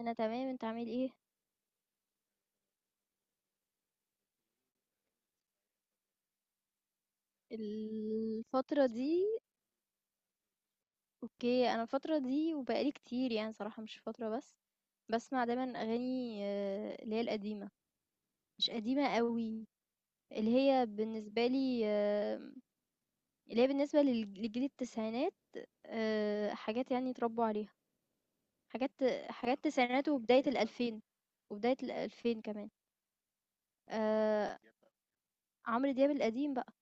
أنا تمام، أنت عامل إيه؟ الفترة دي. أوكي، أنا الفترة دي وبقالي كتير، يعني صراحة مش فترة بس، بسمع دايما أغاني اللي هي القديمة. مش قديمة قوي، اللي هي بالنسبة لي، اللي هي بالنسبة لجيل التسعينات. حاجات يعني اتربوا عليها. حاجات حاجات التسعينات وبداية الألفين، وبداية الألفين كمان. آه، عمرو دياب القديم بقى.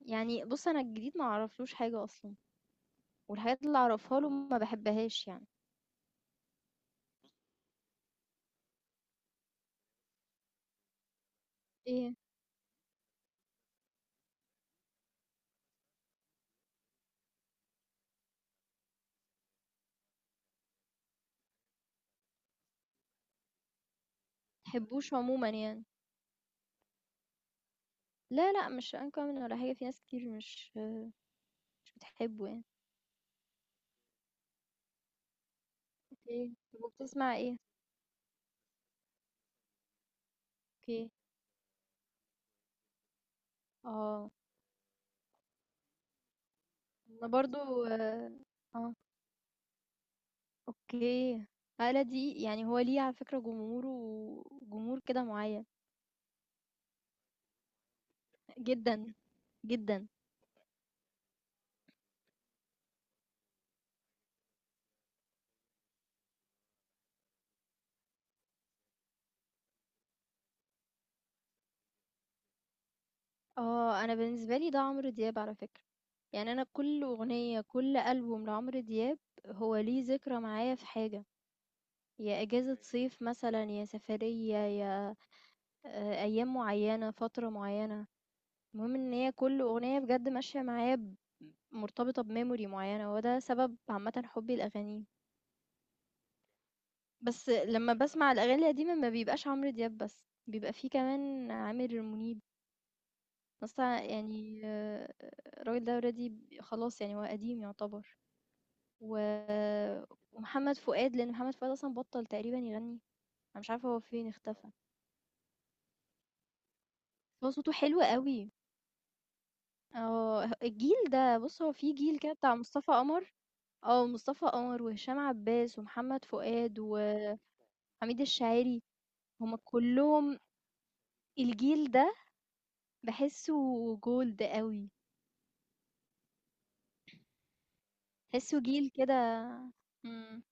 يعني بص، أنا الجديد ما أعرفلوش حاجة أصلا، والحاجات اللي أعرفها له ما بحبهاش يعني. ايه، تحبّوش عمومًا يعني. لا، لأ، مش uncommon ولا حاجة، في ناس كتير مش بتحبّه يعني. أوكي. طب وبتسمع إيه؟ أوكي. آه. أنا برضه آه. آه. أوكي. آلة دي يعني هو ليه على فكرة جمهوره، جمهور كده معيّن، جدًا، جدًا. آه. أنا بالنسبة لي ده عمرو دياب على فكرة. يعني أنا كل أغنية، كل ألبوم لعمرو دياب هو ليه ذكرى معايا في حاجة، يا إجازة صيف مثلًا، يا سفرية، يا ايام معينة، فترة معينة. المهم ان هي كل اغنية بجد ماشية معايا مرتبطة بميموري معينة، وده سبب عامة حبي الاغاني. بس لما بسمع الاغاني القديمة ما بيبقاش عمرو دياب بس، بيبقى فيه كمان عامر منيب. بس يعني الراجل ده اوريدي خلاص، يعني هو قديم يعتبر. و... ومحمد فؤاد، لان محمد فؤاد اصلا بطل تقريبا يغني. انا مش عارفة هو فين اختفى. هو صوته حلو قوي. اه، الجيل ده بص، هو في جيل كده بتاع مصطفى قمر. مصطفى قمر وهشام عباس ومحمد فؤاد وحميد الشاعري. هُم كلّهم الجيل ده باحسّه gold أوي، باحسّه جيل كده. إمم.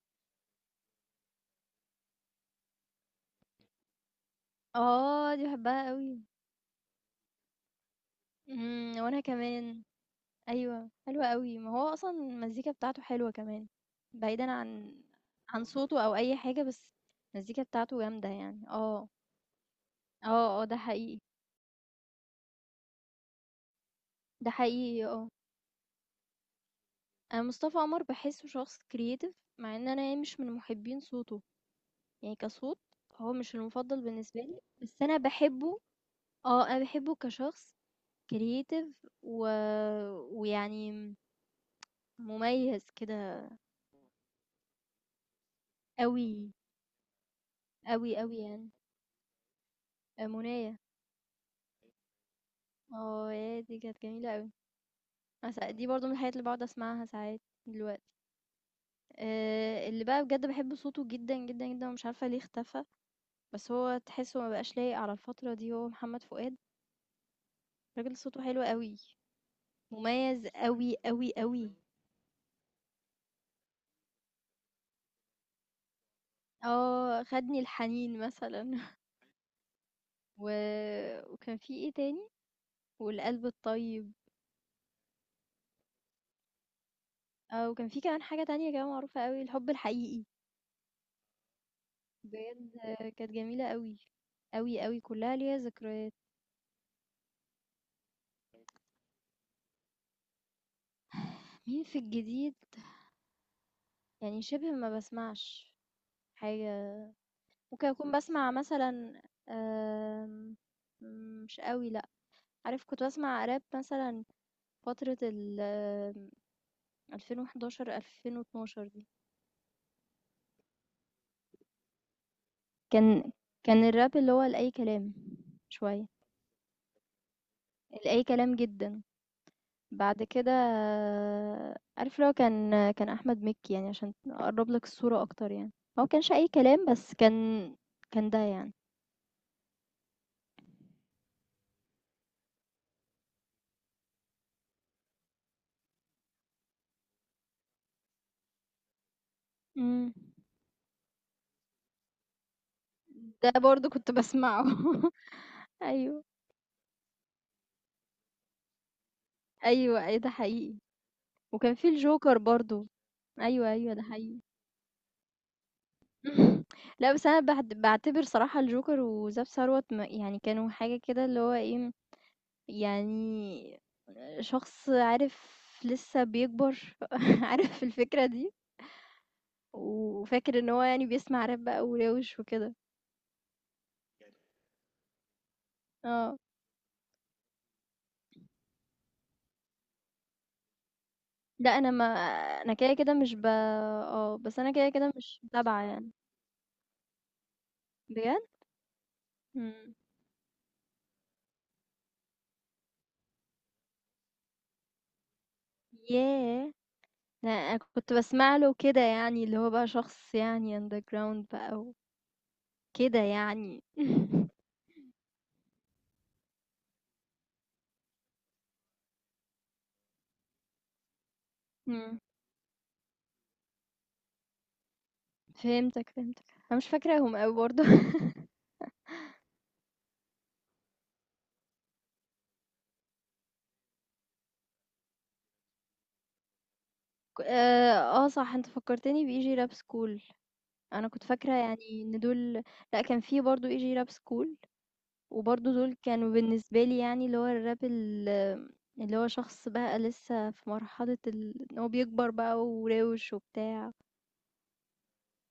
دي باحبها أوي. إمم، وأنا كمان. أيوه، حلوة أوي. ما هو أصلًا المزيكا بتاعته حلوة كمان، بعيدًا عن عن صوته أو أي حاجة، بس المزيكا بتاعته جامدة يعني. آه، آه، آه، ده حقيقي، ده حقيقي آه. أنا مصطفى عمر بحسه شخص كرييتيف، مع ان انا يعني مش من محبين صوته، يعني كصوت هو مش المفضل بالنسبه لي، بس انا بحبه. اه، انا بحبه كشخص كرييتيف. و... ويعني مميز كده، قوي قوي قوي يعني. منايا. اه، يا دي كانت جميله قوي. دي برضو من الحاجات اللي بقعد اسمعها ساعات دلوقتي. اللي بقى بجد بحب صوته جدا جدا جدا، ومش عارفه ليه اختفى. بس هو تحسه ما بقاش لايق على الفتره دي، هو محمد فؤاد. الراجل صوته حلو أوي، مميز أوي، أوي، أوي. خدني الحنين مثلًا و وكان في إيه تاني؟ والقلب الطيب، وكان في كمان حاجة تانية كده معروفة أوي، الحب الحقيقي، بجد كانت جميلة أوي، أوي، أوي، كلها ليها ذكريات. مين في الجديد؟ يعني شبه ما باسمعش حاجة، ممكن أكون باسمع مثلًا، آمم، مش أوي لأ، عارف كنت باسمع راب مثلًا فترة ال 2011، 2012 دي، كان كان الراب اللي هو لأي كلام شوية، لأي كلام جدا. بعد كده عارف لو كان أحمد مكي، يعني عشان أقرب لك الصورة أكتر، يعني هو كانش أي كلام بس كان ده يعني. مم. ده برضو كنت بسمعه أيوه أيوه أي ده حقيقي. وكان في الجوكر برضو. أيوه أيوه ده حقيقي. لا، بس أنا بعتبر صراحة الجوكر وزاب ثروت، يعني كانوا حاجة كده، اللي هو ايه، يعني شخص عارف لسه بيكبر عارف الفكرة دي. وفاكر ان هو يعني بيسمع راب بقى وراوش وكده. اه، لا انا كده كده مش ب اه بس انا كده كده مش متابعة يعني. بجد. مم. ياه! لا انا كنت بسمع له كده يعني، اللي هو بقى شخص يعني underground بقى، وكده يعني. مم. فهمتك فهمتك. انا مش فاكراهم قوي برضه. صح، انت فكرتني بيجي راب سكول. أنا كنت فاكرة يعني إن دول، لأ كان في برضه EG rap school، وبرضه دول كانوا بالنسبة لي يعني اللي هو الراب اللي هو شخص بقى لسه في مرحلة ال إن هو بيكبر بقى وراوش وبتاع.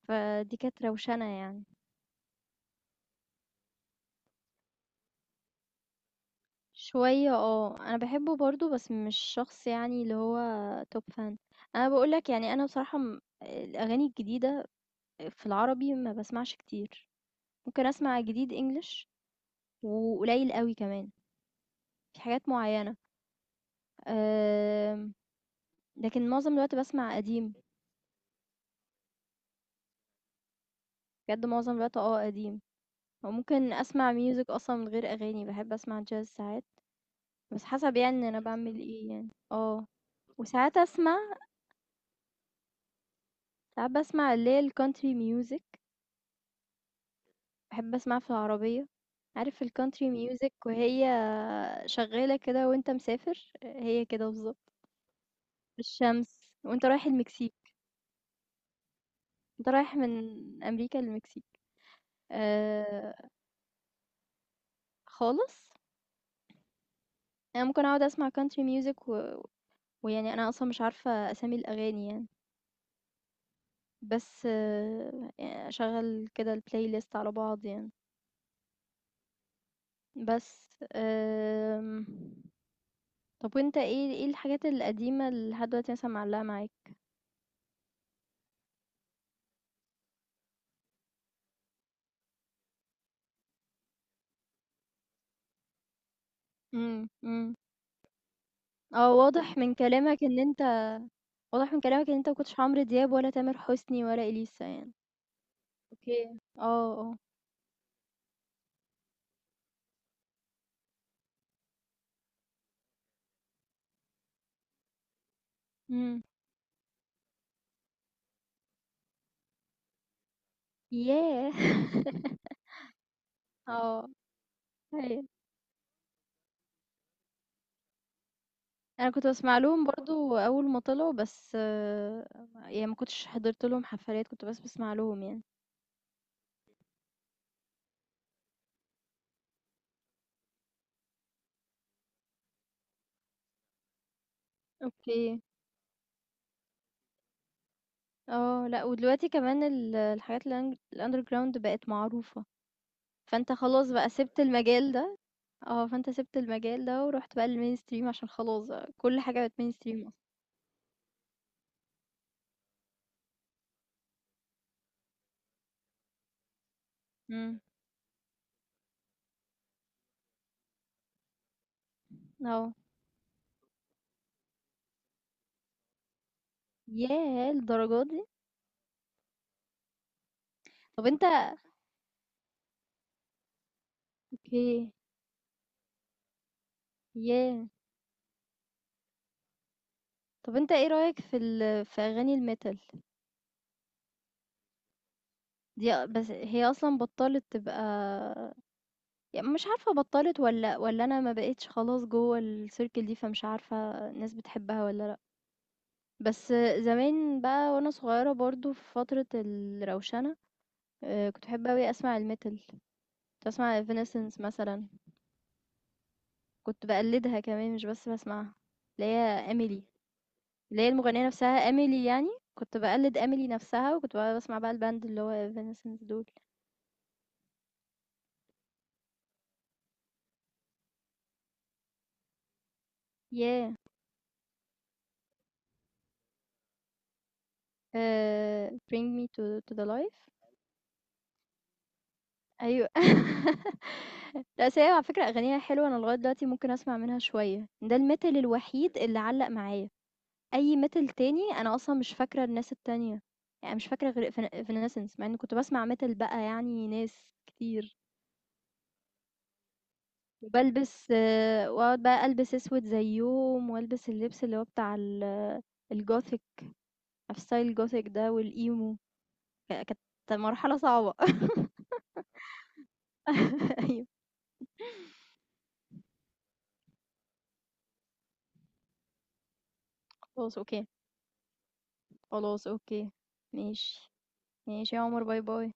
فدي كانت روشنة يعني. شوية، اه، أنا بحبه برضه بس مش شخص يعني اللي هو توب فان. أنا بقولك يعني أنا بصراحة الأغاني الجديدة في العربي ما بسمعش كتير. ممكن أسمع جديد English، وقليل قوي كمان في حاجات معينة. آمم، لكن معظم الوقت باسمع قديم. بجد معظم الوقت قديم. أو ممكن أسمع music أصلًا من غير أغاني، باحب أسمع jazz ساعات، بس حسب يعني ان أنا باعمل إيه يعني، وساعات أسمع، ساعات باسمع اللي هي الcountry music، باحب أسمعها في العربية. عارف الcountry music وهي شغالة كده وأنت مسافر، هي كده بالضبط، في الشمس وأنت رايح المكسيك، وأنت رايح من أمريكا للمكسيك. آآ، خالص. أنا ممكن أقعد أسمع country music، ويعني أنا أصلًا مش عارفة أسامي الأغاني يعني، بس يعني أشغّل كده الplaylist على بعض يعني، بس طَب وأنت إيه الحاجات القديمة اللي لحد دلوقتي مثلًا معلّقة معاك؟ إمم، إمم، آه واضح من كلامك إن أنت واضح من كلامك إن أنت ما كنتش عمرو دياب ولا تامر حسني ولا إليسا يعني. أوكي. آه، آه، إمم، ياه! آه، أيوه. أنا كنت باسمع لهم برضه أول ما طلعوا بس، يعني ما كنتش حضرت لهم حفلات، كنت بس باسمع لهم يعني. أوكي. آه، لأ، ودلوقتي كمان الحاجات الأن الunderground بقت معروفة، فأنت خلاص بقى سِبت المجال ده. فأنت سِبت المجال ده ورُحت بقى للmainstream، عشان خلاص بقى كل حاجة بقت mainstream أصلًا. إمم. آه. ياه! للدرجة دي! طب أنت أوكي، ياه! طب أنت إيه رأيك في في أغاني الmetal؟ دي أ بس هي أصلًا بطّلت تبقى، مش عارفة بطّلت والّا أنا ما بقيتش خلاص جوّه الcircle دي، فمش عارفة الناس بتحبها والّا لأ. بس زمان بقى وأنا صغيّرة برضه في فترة الروشنة، كنت باحب أوي أسمع الmetal، كنت باسمع Evanescence مثلًا، كنت باقلّدها كمان مش بس باسمعها، اللي هي Emily، اللي هي المغنية نفسها Emily يعني، كنت باقلّد Emily نفسها، وكنت بقى باسمع بقى الband اللي هو Evanescence دول. ياه! Bring Me to the Life. أيوه. لأ، بس هي على فكرة أغانيها حلوة، أنا لغاية دلوقتي ممكن أسمع منها شوية. ده الmetal الوحيد اللي علّق معايا، أي metal تاني أنا أصلًا مش فاكرة الناس التانية، يعني مش فاكرة غير Evanescence، مع إني كنت باسمع metal بقى يعني ناس كتير، وبالبس وأقعد بقى ألبس أسود زيّهم، وألبس اللبس اللي هو بتاع الgothic. عارف style الgothic ده والemo. كانت مرحلة صعبة. أيوه، خلاص أوكي، خلاص أوكي، ماشي. ماشي يا عمر، باي باي.